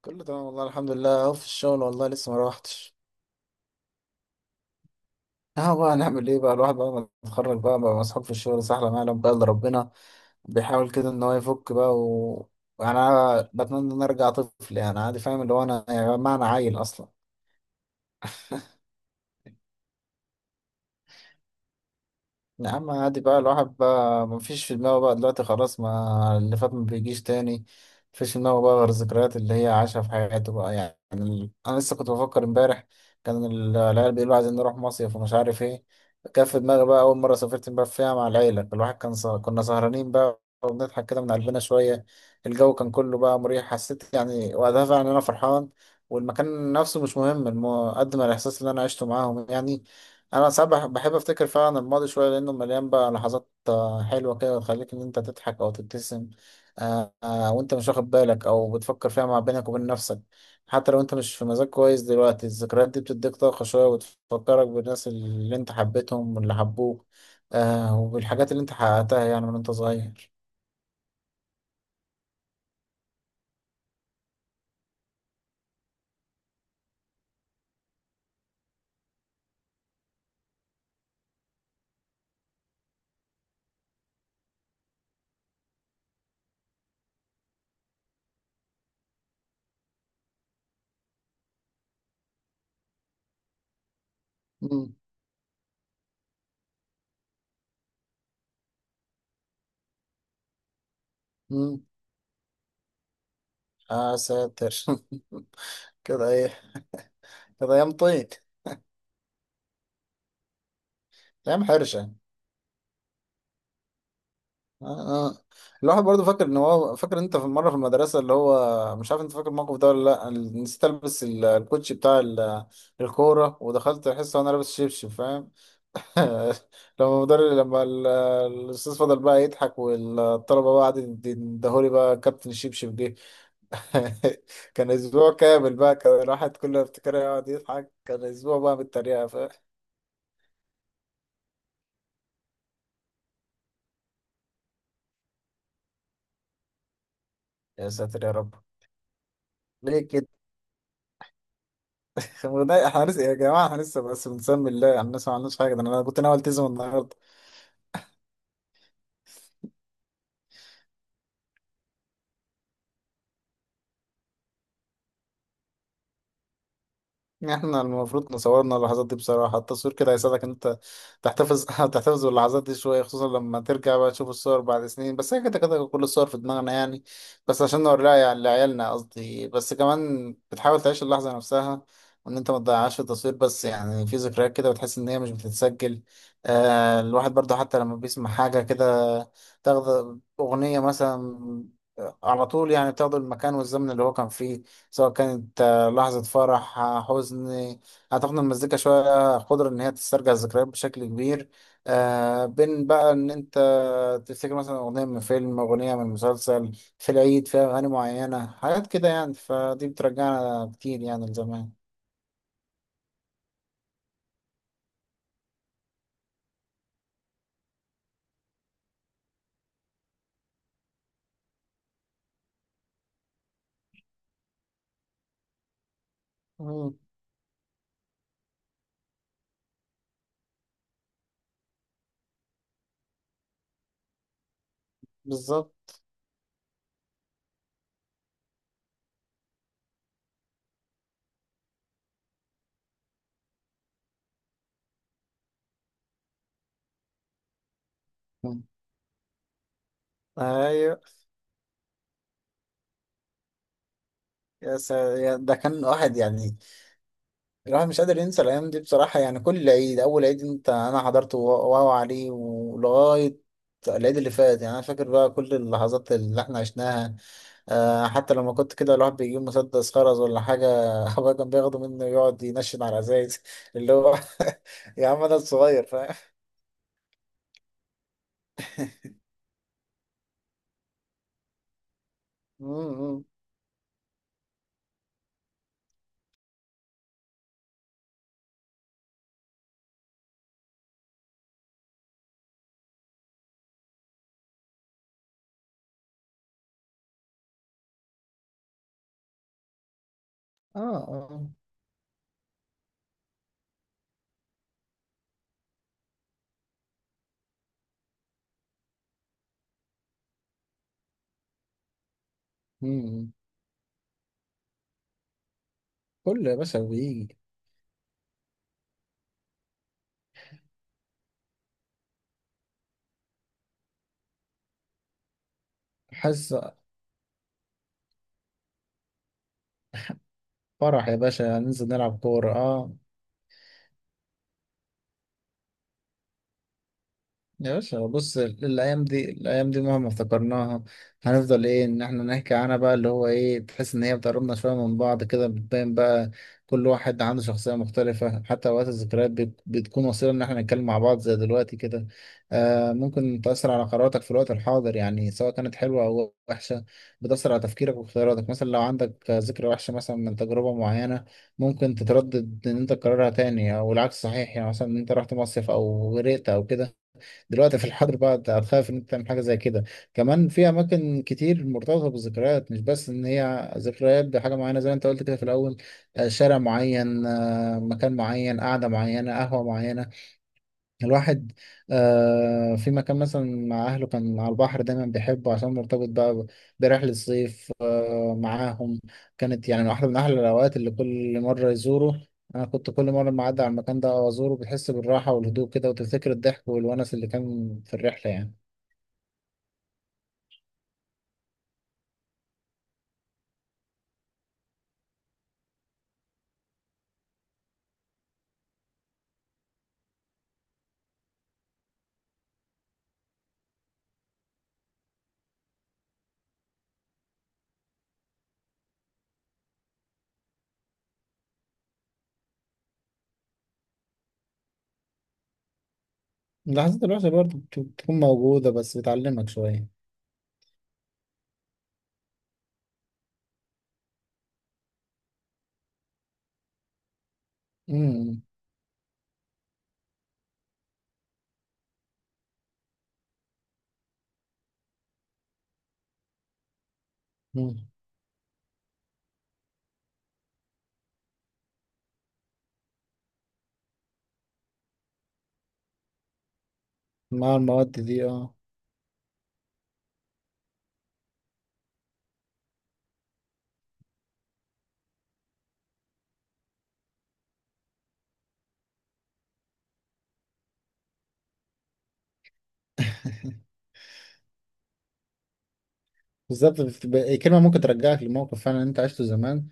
كله تمام، والله الحمد لله. اهو في الشغل، والله لسه ما روحتش. اهو بقى نعمل ايه بقى؟ الواحد بقى ما اتخرج بقى مسحوق في الشغل، سحلة ما يعلم بقى الا ربنا. بيحاول كده ان هو يفك بقى. يعني انا بتمنى ان أنا ارجع طفل، يعني عادي فاهم اللي هو، انا يعني ما انا عيل اصلا. يا عم عادي بقى، الواحد بقى مفيش في دماغه بقى دلوقتي، خلاص، ما اللي فات ما بيجيش تاني. مفيش في دماغه بقى غير الذكريات اللي هي عاشها في حياته بقى، يعني انا لسه كنت بفكر امبارح. كان العيال بيقولوا عايزين نروح مصيف ومش عارف ايه. كان في دماغي بقى اول مره سافرت امبارح فيها مع العيله، الواحد كان كنا سهرانين بقى وبنضحك كده من قلبنا شويه. الجو كان كله بقى مريح، حسيت يعني وقتها فعلا إن انا فرحان. والمكان نفسه مش مهم قد ما الاحساس اللي انا عشته معاهم يعني. انا ساعات بحب افتكر فعلا الماضي شويه، لانه مليان بقى لحظات حلوه كده تخليك ان انت تضحك او تبتسم. وانت مش واخد بالك او بتفكر فيها مع بينك وبين نفسك. حتى لو انت مش في مزاج كويس دلوقتي، الذكريات دي بتديك طاقه شويه وتفكرك بالناس اللي انت حبيتهم واللي حبوك. وبالحاجات اللي انت حققتها يعني من انت صغير. مم. مم. آه ساتر كده ايه. كده ايام طيب. ايام حرشه. آه. آه. الواحد برضه فاكر ان هو، فاكر انت في مره في المدرسه اللي هو مش عارف انت فاكر الموقف ده ولا لا، نسيت البس الكوتشي بتاع الكوره ودخلت الحصه وانا لابس شبشب فاهم. لما الاستاذ فضل بقى يضحك والطلبه بقى قعدت تدهولي بقى كابتن الشبشب جه. كان اسبوع كامل بقى، كان الواحد كل ما يفتكرها يقعد يضحك، كان اسبوع بقى بالتريقه فاهم. يا ساتر يا رب. ليه كده؟ احنا لسه بس بنسمي الله يعني، الناس ما عملناش حاجه، ده انا كنت ناوي التزم النهارده. احنا المفروض نصورنا اللحظات دي بصراحة، التصوير كده هيساعدك ان انت تحتفظ تحتفظ باللحظات دي شوية، خصوصا لما ترجع بقى تشوف الصور بعد سنين، بس هي كده كده كل الصور في دماغنا يعني. بس عشان نوريها يعني لعيالنا قصدي، بس كمان بتحاول تعيش اللحظة نفسها وان انت ما تضيعهاش في التصوير، بس يعني في ذكريات كده بتحس ان هي مش بتتسجل. آه الواحد برضه حتى لما بيسمع حاجة كده، تاخد أغنية مثلا، على طول، يعني بتاخد المكان والزمن اللي هو كان فيه، سواء كانت لحظة فرح، حزن. أعتقد إن المزيكا شوية قدرة إن هي تسترجع الذكريات بشكل كبير. بين بقى إن أنت تفتكر مثلا أغنية من فيلم، أغنية من مسلسل، في العيد فيها أغاني معينة، حاجات كده يعني، فدي بترجعنا كتير يعني لزمان. مم. بالظبط. مم. أيوه. ده كان واحد يعني، الواحد مش قادر ينسى الأيام دي بصراحة، يعني كل عيد، أول عيد أنت أنا حضرته، واو عليه، ولغاية العيد اللي فات يعني، أنا فاكر بقى كل اللحظات اللي إحنا عشناها. حتى لما كنت كده، الواحد بيجيب مسدس خرز ولا حاجة، أبويا كان بياخده منه يقعد ينشن على الأزايز اللي هو يا عم أنا الصغير فاهم. مم. اه اه. مم. كله يا باشا بيجي. حاسة. فرح يا باشا، ننزل نلعب كورة، اه. يا باشا بص، الأيام دي الأيام دي مهما افتكرناها هنفضل إيه، إن إحنا نحكي عنها بقى، اللي هو إيه، تحس إن هي بتقربنا شوية من بعض، كده بتبان بقى كل واحد عنده شخصية مختلفة، حتى وقت الذكريات بتكون وسيلة إن إحنا نتكلم مع بعض زي دلوقتي كده. آه ممكن تأثر على قراراتك في الوقت الحاضر، يعني سواء كانت حلوة أو وحشة، بتأثر على تفكيرك واختياراتك، مثلا لو عندك ذكرى وحشة مثلا من تجربة معينة، ممكن تتردد إن أنت تكررها تاني، أو العكس صحيح يعني، مثلا إن أنت رحت مصيف أو غرقت أو كده، دلوقتي في الحر بقى هتخاف ان انت تعمل حاجه زي كده. كمان في اماكن كتير مرتبطه بالذكريات، مش بس ان هي ذكريات بحاجه معينه زي ما انت قلت كده في الاول، شارع معين، مكان معين، قعده معينه، قهوه معينه. الواحد في مكان مثلا مع أهله كان على البحر دايما بيحبه عشان مرتبط بقى برحلة صيف معاهم، كانت يعني واحدة من أحلى الأوقات اللي كل مرة يزوره. أنا كنت كل مرة ما أعدي على المكان ده أو أزوره بتحس بالراحة والهدوء كده، وتفتكر الضحك والونس اللي كان في الرحلة يعني. لحظات الوحشة برضه بتكون موجودة، بس بتعلمك شوية. مم. مم. مع المواد دي اه. بالظبط، كلمة ممكن ترجعك لموقف فعلا أنت عشته زمان،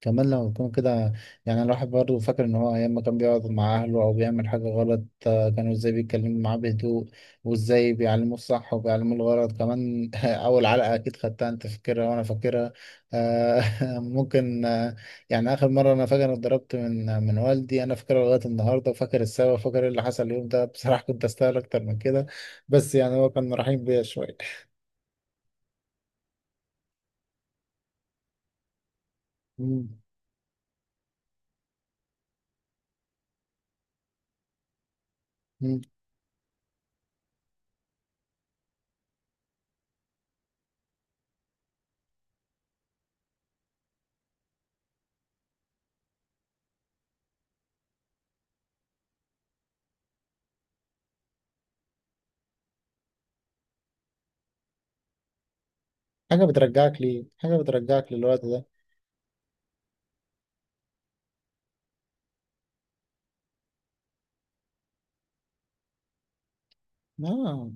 كمان لما يكون كده. يعني الواحد برضه فاكر إن هو أيام ما كان بيقعد مع أهله أو بيعمل حاجة غلط، كانوا إزاي بيتكلموا معاه بهدوء، وإزاي بيعلموه الصح وبيعلموه الغلط كمان. أول علقة أكيد خدتها، أنت فاكرها وأنا فاكرها. آه، ممكن يعني آخر مرة أنا فاكر إني اتضربت من والدي، أنا فاكرها لغاية النهاردة، وفاكر السبب وفاكر إيه اللي حصل اليوم ده. بصراحة كنت أستاهل أكتر من كده، بس يعني هو كان رحيم بيا شوية. مم. مم. حاجة بترجعك ليه، حاجة بترجعك للوقت ده. آه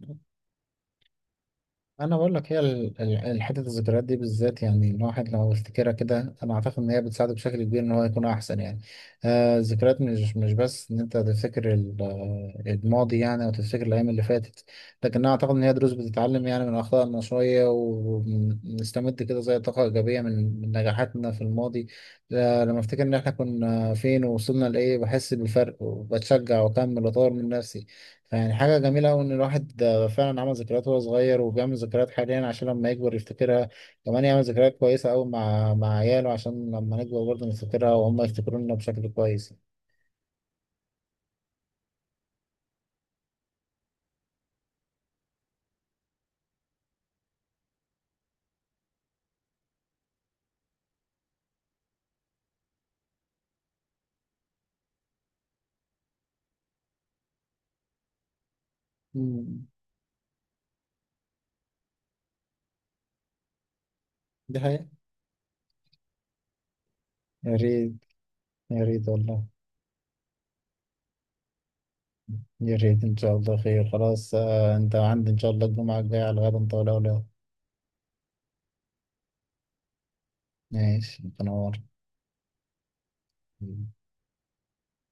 انا بقول لك هي حته الذكريات دي بالذات يعني، الواحد لو يفتكرها كده انا اعتقد ان هي بتساعده بشكل كبير ان هو يكون احسن يعني. آه الذكريات مش بس ان انت تفتكر الماضي يعني، او تفتكر الايام اللي فاتت، لكن انا اعتقد ان هي دروس بتتعلم يعني من اخطائنا شويه، ونستمد كده زي طاقه ايجابيه من نجاحاتنا في الماضي. لما افتكر ان احنا كنا فين ووصلنا لايه بحس بالفرق وبتشجع واكمل واطور من نفسي. يعني حاجة جميلة أوي إن الواحد فعلا عمل ذكريات وهو صغير، وبيعمل ذكريات حاليا عشان لما يكبر يفتكرها. كمان يعمل ذكريات كويسة أوي مع عياله عشان لما نكبر برضه نفتكرها وهم يفتكرونا بشكل كويس. مم. دي حقيقة. يا ريت. يا ريت والله. يا ريت إن شاء الله خير. خلاص أنت عندي إن شاء الله الجمعة الجاية على غدا إن طال عمرك. ماشي تنور.